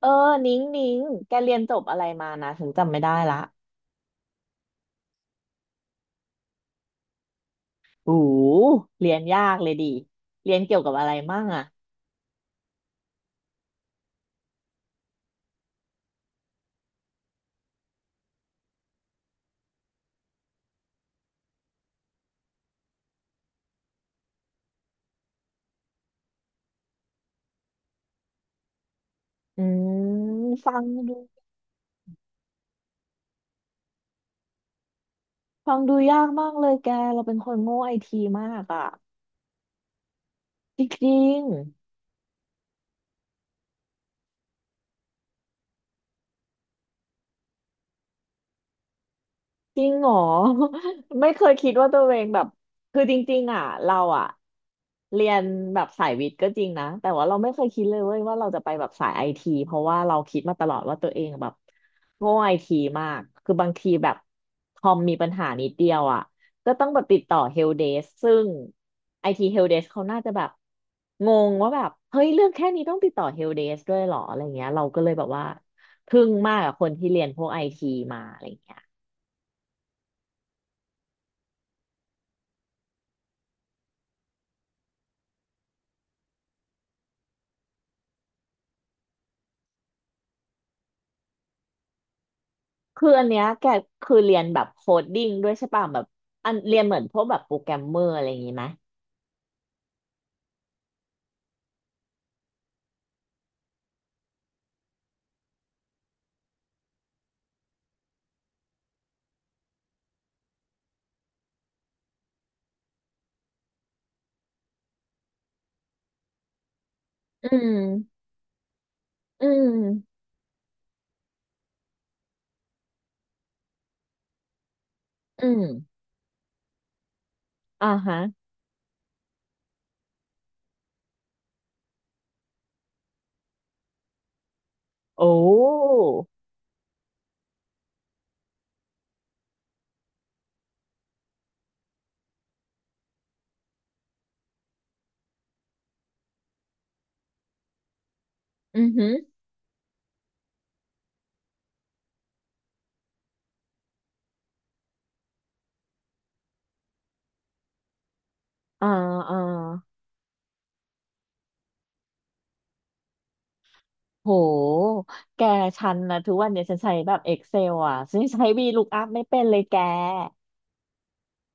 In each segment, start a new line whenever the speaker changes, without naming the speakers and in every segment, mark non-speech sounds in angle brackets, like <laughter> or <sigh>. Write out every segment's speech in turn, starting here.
เออนิ้งนิ้งแกเรียนจบอะไรมานะถึงจำไม่ได้ละหูเรียนยากเลยดิเรียนเกี่ยวกับอะไรมั่งอะอืมฟังดูยากมากเลยแกเราเป็นคนโง่ไอทีมากอะจริง จริงเหรอ <laughs> ไม่เคยคิดว่าตัวเองแบบคือจริงๆอ่ะเราอ่ะเรียนแบบสายวิทย์ก็จริงนะแต่ว่าเราไม่เคยคิดเลยเว้ยว่าเราจะไปแบบสายไอทีเพราะว่าเราคิดมาตลอดว่าตัวเองแบบโง่ไอทีมากคือบางทีแบบคอมมีปัญหานิดเดียวอ่ะก็ต้องแบบติดต่อเฮลเดสซึ่งไอทีเฮลเดสเขาน่าจะแบบงงว่าแบบเฮ้ยเรื่องแค่นี้ต้องติดต่อเฮลเดสด้วยเหรออะไรเงี้ยเราก็เลยแบบว่าทึ่งมากกับคนที่เรียนพวกไอทีมาอะไรเงี้ย คืออันเนี้ยแกคือเรียนแบบโคดดิ้งด้วยใช่ป่ะแบบอันเรียนเหมือนพวกแบบโปรแกรมเมอร์อะไรอย่างงี้ไหมอืมอืมอืมอ่าฮะ โอ้อือหืออ่าอ่าโหแกชันนะทุกวันเนี่ยฉันใช้แบบ Excel อ่ะฉันใช้ VLOOKUP ไม่เป็นเลยแก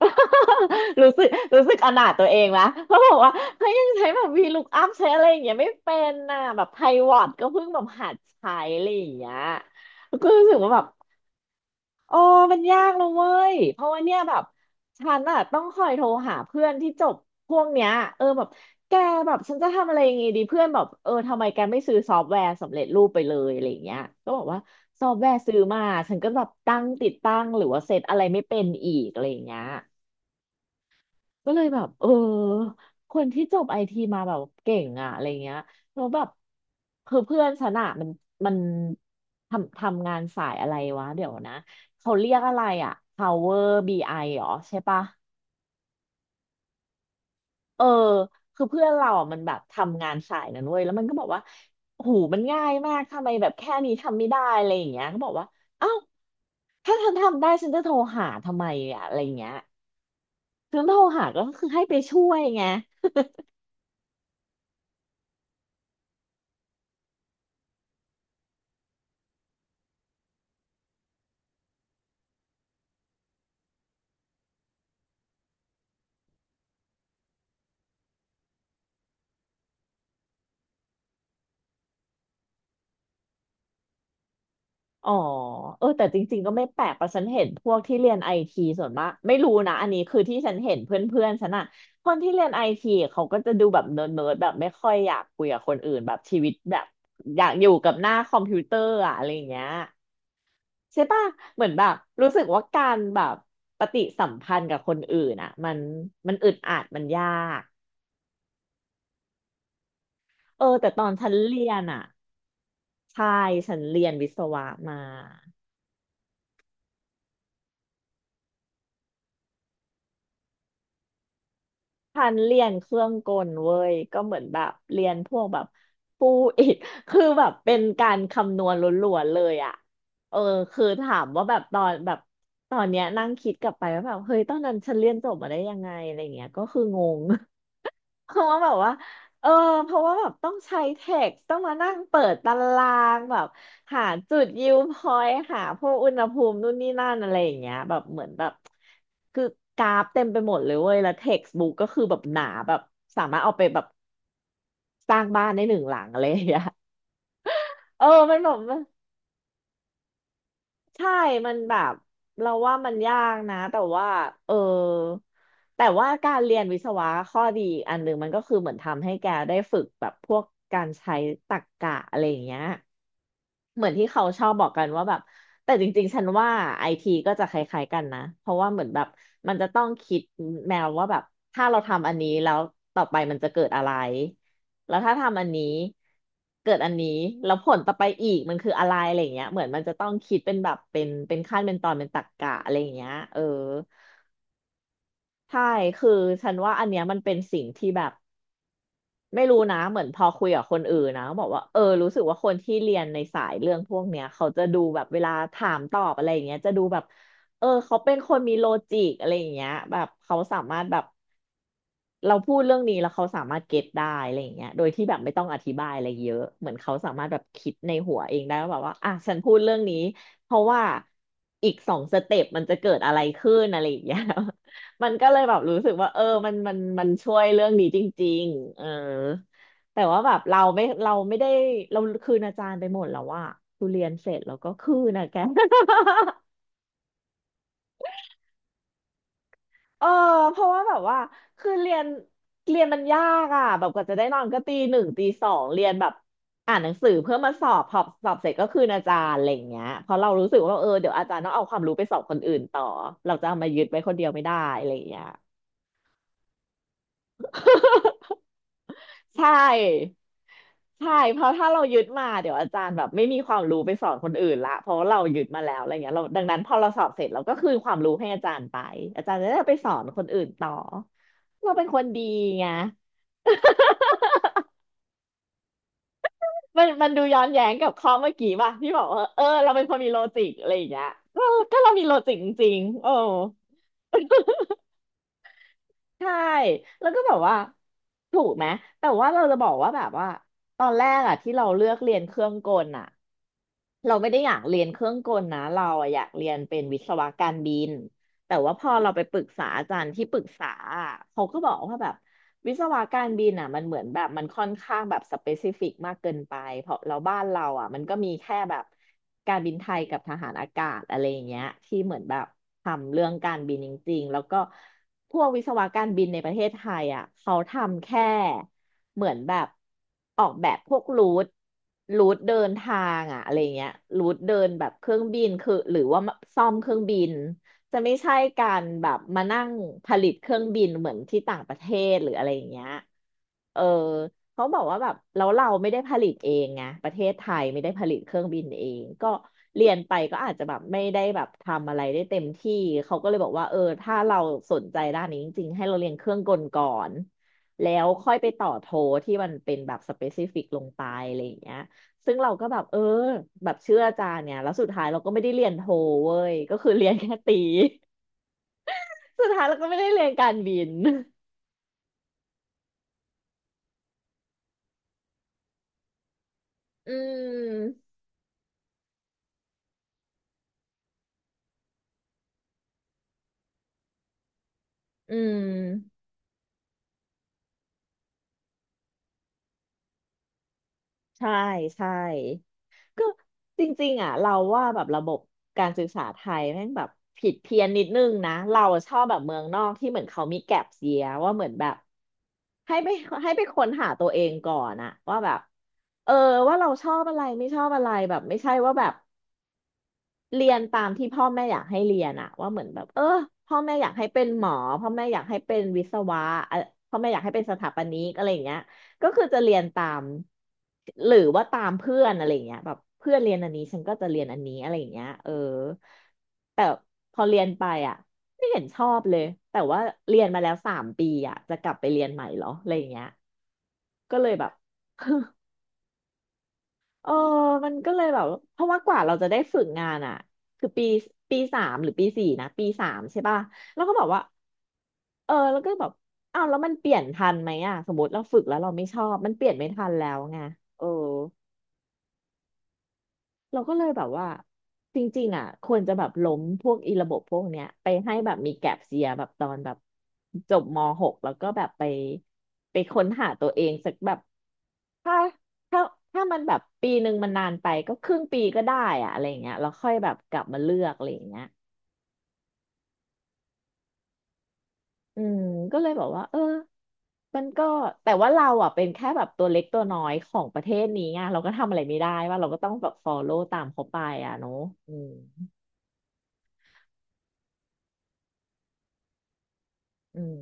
<laughs> รู้สึกอนาถตัวเองนะเพราะบอกว่าเฮ้ยยังใช้แบบ VLOOKUP ใช้อะไรอย่างเงี้ยไม่เป็นน่ะแบบไพวอตก็เพิ่งแบบหัดใช้อะไรอย่างเงี้ยก็รู้สึกว่าแบบ โอ้มันยากเลยเว้ยเพราะว่าเนี่ยแบบฉันอะต้องคอยโทรหาเพื่อนที่จบพวกเนี้ยเออแบบแกแบบฉันจะทำอะไรอยังงี้ดีเพื่อนแบบเออทำไมแกไม่ซื้อซอฟต์แวร์สำเร็จรูปไปเลยอะไรอย่างเงี้ยก็บอกว่าซอฟต์แวร์ซื้อมาฉันก็แบบตั้งติดตั้งหรือว่าเซตอะไรไม่เป็นอีกอะไรอย่างเงี้ย ก็เลยแบบเออคนที่จบไอทีมาแบบเก่งอะอะไรเงี้ยแล้วแบบคือเพื่อนฉันอะมันทำงานสายอะไรวะเดี๋ยวนะเขาเรียกอะไรอะ Power BI เหรอใช่ปะเออคือเพื่อนเราอ่ะมันแบบทำงานสายนั้นเว้ยแล้วมันก็บอกว่าหูมันง่ายมากทำไมแบบแค่นี้ทำไม่ได้อะไรอย่างเงี้ยก็บอกว่าเอ้าถ้าฉันทำได้ฉันจะโทรหาทำไมอ่ะอะไรอย่างเงี้ยฉันโทรหาก็คือให้ไปช่วยไง อ๋อเออแต่จริงๆก็ไม่แปลกเพราะฉันเห็นพวกที่เรียนไอทีส่วนมากไม่รู้นะอันนี้คือที่ฉันเห็นเพื่อนๆฉันอะคนที่เรียนไอทีเขาก็จะดูแบบเนิร์ดๆแบบไม่ค่อยอยากคุยกับคนอื่นแบบชีวิตแบบอยากอยู่กับหน้าคอมพิวเตอร์อะอะไรอย่างเงี้ยใช่ป่ะเหมือนแบบรู้สึกว่าการแบบปฏิสัมพันธ์กับคนอื่นอะมันอึดอัดมันยากเออแต่ตอนฉันเรียนอะใช่ฉันเรียนวิศวะมา พันเรียนเครื่องกลเว้ยก็เหมือนแบบเรียนพวกแบบฟูอิฐ <laughs> คือแบบเป็นการคำนวณล้วนๆเลยอ่ะเออคือถามว่าแบบตอนแบบตอนเนี้ยนั่งคิดกลับไปว่าแบบเฮ้ยตอนนั้นฉันเรียนจบมาได้ยังไงอะไรเงี้ยก็คืองง เพราะว่าแบบว่าเออเพราะว่าแบบต้องใช้เท็กซ์ต้องมานั่งเปิดตารางแบบหาจุดยิวพอยต์หาพวกอุณหภูมินู่นนี่นั่นอะไรอย่างเงี้ยแบบเหมือนแบบคือกราฟเต็มไปหมดเลยเว้ยแล้วเท็กซ์บุ๊กก็คือแบบหนาแบบสามารถเอาไปแบบสร้างบ้านได้หนึ่งหลังอะไรอย่างเงี้ยเออมันแบบ ใช่ มันแบบเราว่ามันยากนะ แต่ว่า เออ แต่ว่าการเรียนวิศวะข้อดีอันหนึ่งมันก็คือเหมือนทำให้แกได้ฝึกแบบพวกการใช้ตรรกะอะไรอย่างเงี้ย เหมือนที่เขาชอบบอกกันว่าแบบแต่จริงๆ ฉันว่าไอทีก็จะคล้ายๆกันนะเพราะว่าเหมือนแบบมันจะต้องคิดแนวว่าแบบถ้าเราทำอันนี้แล้วต่อไปมันจะเกิดอะไรแล้วถ้าทำอันนี้เกิดอันนี้แล้วผลต่อไปอีกมันคืออะไรอะไรอย่างเงี้ยเหมือนมันจะต้องคิดเป็นแบบเป็นขั้นเป็นตอนเป็นตรรกะอะไรอย่างเงี้ยเออใช่คือฉันว่าอันเนี้ยมันเป็นสิ่งที่แบบ ไม่รู้นะเหมือนพอคุยกับคนอื่นนะบอกว่าเออรู้สึกว่าคนที่เรียนในสายเรื่องพวกเนี้ยเขาจะดูแบบเวลาถามตอบอะไรอย่างเงี้ยจะดูแบบเออเขาเป็นคนมีโลจิกอะไรอย่างเงี้ยแบบเขาสามารถแบบ เราพูดเรื่องนี้แล้วเขาสามารถเก็ตได้อะไรอย่างเงี้ยโดยที่แบบไม่ต้องอธิบายอะไรเยอะ เหมือนเขาสามารถแบบคิดในหัวเองได้ว่าแบบว่าอ่ะฉันพูดเรื่องนี้เพราะว่าอีกสองสเต็ปมันจะเกิดอะไรขึ้นอะไรอย่างเงี้ย <laughs> มันก็เลยแบบรู้สึกว่าเออมันช่วยเรื่องนี้จริงๆเออแต่ว่าแบบเราไม่ได้เราคืนอาจารย์ไปหมดแล้วว่าทุเรียนเสร็จแล้วก็คืนนะแก <laughs> เออเพราะว่าแบบว่าคือเรียนมันยากอ่ะแบบกว่าจะได้นอนก็ตีหนึ่งตีสองเรียนแบบอ่านหนังสือเพื่อมาสอบพอสอบเสร็จก็คืนอาจารย์อะไรอย่างเงี้ยเพราะเรารู้สึกว่าเออเดี๋ยวอาจารย์ต้องเอาความรู้ไปสอบคนอื่นต่อเราจะเอามายึดไว้คนเดียวไม่ได้อะไรอย่างเงี้ย ใช่ใช่เพราะถ้าเรายึดมาเดี๋ยวอาจารย์แบบไม่มีความรู้ไปสอนคนอื่นละเพราะว่าเรายึดมาแล้วอะไรเงี้ยเราดังนั้นพอเราสอบเสร็จเราก็คืนความรู้ให้อาจารย์ไปอาจารย์จะได้เอาไปสอนคนอื่นต่อเราเป็นคนดีไงมันมันดูย้อนแย้งกับข้อเมื่อกี้ป่ะที่บอกว่าเออเราเป็นคนมีโลจิกอะไรอย่างเงี้ยก็ก็เรามีโลจิกจริงๆโอ้ใช่แล้วก็แบบว่าถูกไหมแต่ว่าเราจะบอกว่าแบบว่าตอนแรกอะที่เราเลือกเรียนเครื่องกลอะ เราไม่ได้อยากเรียนเครื่องกลนะเราอะอยากเรียนเป็นวิศวะการบินแต่ว่าพอเราไปปรึกษาอาจารย์ที่ปรึกษาอะเขาก็บอกว่าแบบวิศวะการบินอ่ะมันเหมือนแบบมันค่อนข้างแบบสเปซิฟิกมากเกินไปเพราะเราบ้านเราอ่ะมันก็มีแค่แบบการบินไทยกับทหารอากาศอะไรอย่างเงี้ยที่เหมือนแบบทำเรื่องการบินจริงๆแล้วก็พวกวิศวะการบินในประเทศไทยอ่ะเขาทำแค่ เหมือนแบบออกแบบพวกรูทเดินทางอะอะไรเงี้ยรูทเดินแบบเครื่องบินคือหรือว่าซ่อมเครื่องบินจะไม่ใช่การแบบมานั่งผลิตเครื่องบินเหมือนที่ต่างประเทศหรืออะไรอย่างเงี้ยเออเขาบอกว่าแบบแล้วเราไม่ได้ผลิตเองไงประเทศไทยไม่ได้ผลิตเครื่องบินเองก็เรียนไปก็อาจจะแบบไม่ได้แบบทำอะไรได้เต็มที่เขาก็เลยบอกว่าเออถ้าเราสนใจด้านนี้จริงๆให้เราเรียนเครื่องกลก่อน แล้วค่อยไปต่อโทที่มันเป็นแบบสเปซิฟิกลงไปอะไรอย่างเงี้ยซึ่งเราก็แบบเออแบบเชื่ออาจารย์เนี่ยแล้วสุดท้ายเราก็ไม่ได้เรียนโทเว้ยก็คือเรียนแค่ตี <laughs> สุดท้ายเราก็ไม่ได้เรียนการบินอืมอืมใช่ใช่ก็จริงๆอ่ะเราว่าแบบระบบการศึกษาไทยแม่งแบบผิดเพี้ยนนิดนึงนะเราชอบแบบเมืองนอกที่เหมือนเขามีแก็ปเยียร์ว่าเหมือนแบบ ให้ไป <laughs> ให้ไปค้นหาตัวเองก่อนอะว่าแบบเออว่าเราชอบอะไรไม่ชอบอะไรแบบไม่ใช่ว่าแบบเรียนตามที่พ่อแม่อยากให้เรียนอะว่าเหมือนแบบเออพ่อแม่อยากให้เป็นหมอพ่อแม่อยากให้เป็นวิศวะอะพ่อแม่อยากให้เป็นสถาปนิกอะไรอย่างเงี้ยก็คือจะเรียนตามหรือว่าตามเพื่อนอะไรอย่างเงี้ยแบบเพื่อนเรียนอันนี้ฉันก็จะเรียนอันนี้อะไรอย่างเงี้ยเออแต่พอเรียนไปอะไม่เห็นชอบเลยแต่ว่าเรียนมาแล้วสามปีอ่ะจะกลับไปเรียนใหม่เหรออะไรอย่างเงี้ย ก็เลยแบบ <laughs> เออมันก็เลยแบบเพราะว่ากว่าเราจะได้ฝึกงานอ่ะคือปีสามหรือปีสี่นะปีสามใช่ป่ะแล้วก็บอกว่าเออแล้วก็แบบอ้าวแล้วมันเปลี่ยนทันไหมอ่ะสมมติเราฝึกแล้วเราไม่ชอบมันเปลี่ยนไม่ทันแล้วไงเออ เราก็เลยแบบว่าจริงๆอ่ะควรจะแบบล้มพวกอีระบบพวกเนี้ยไปให้แบบมีแก็ปเซียแบบตอนแบบจบม .6 แล้วก็แบบไปค้นหาตัวเองสักแบบถ้าถ้าถ้ามันแบบปีหนึ่งมันนานไปก็ครึ่งปีก็ได้อะอะไรอย่างเงี้ยแล้วค่อยแบบกลับมาเลือกอะไรอย่างเงี้ยอืมก็เลยบอกว่าเออมันก็แต่ว่าเราอ่ะเป็นแค่แบบตัวเล็กตัวน้อยของประเทศนี้ไงเราก็ทำอะไรไม่ได้ว่าเราก็ต้องแบบ follow ตามเขาไปอ่ะเนาะอืม อืม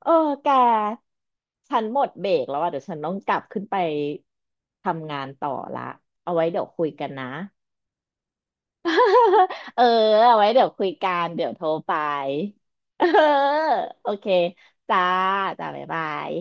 เออแกฉันหมดเบรกแล้วอ่ะเดี๋ยวฉันต้องกลับขึ้นไปทำงานต่อละเอาไว้เดี๋ยวคุยกันนะ <laughs> เออเอาไว้เดี๋ยวคุยกันเดี๋ยวโทรไป <laughs> เออโอเคจ้าจ้าบ๊ายบาย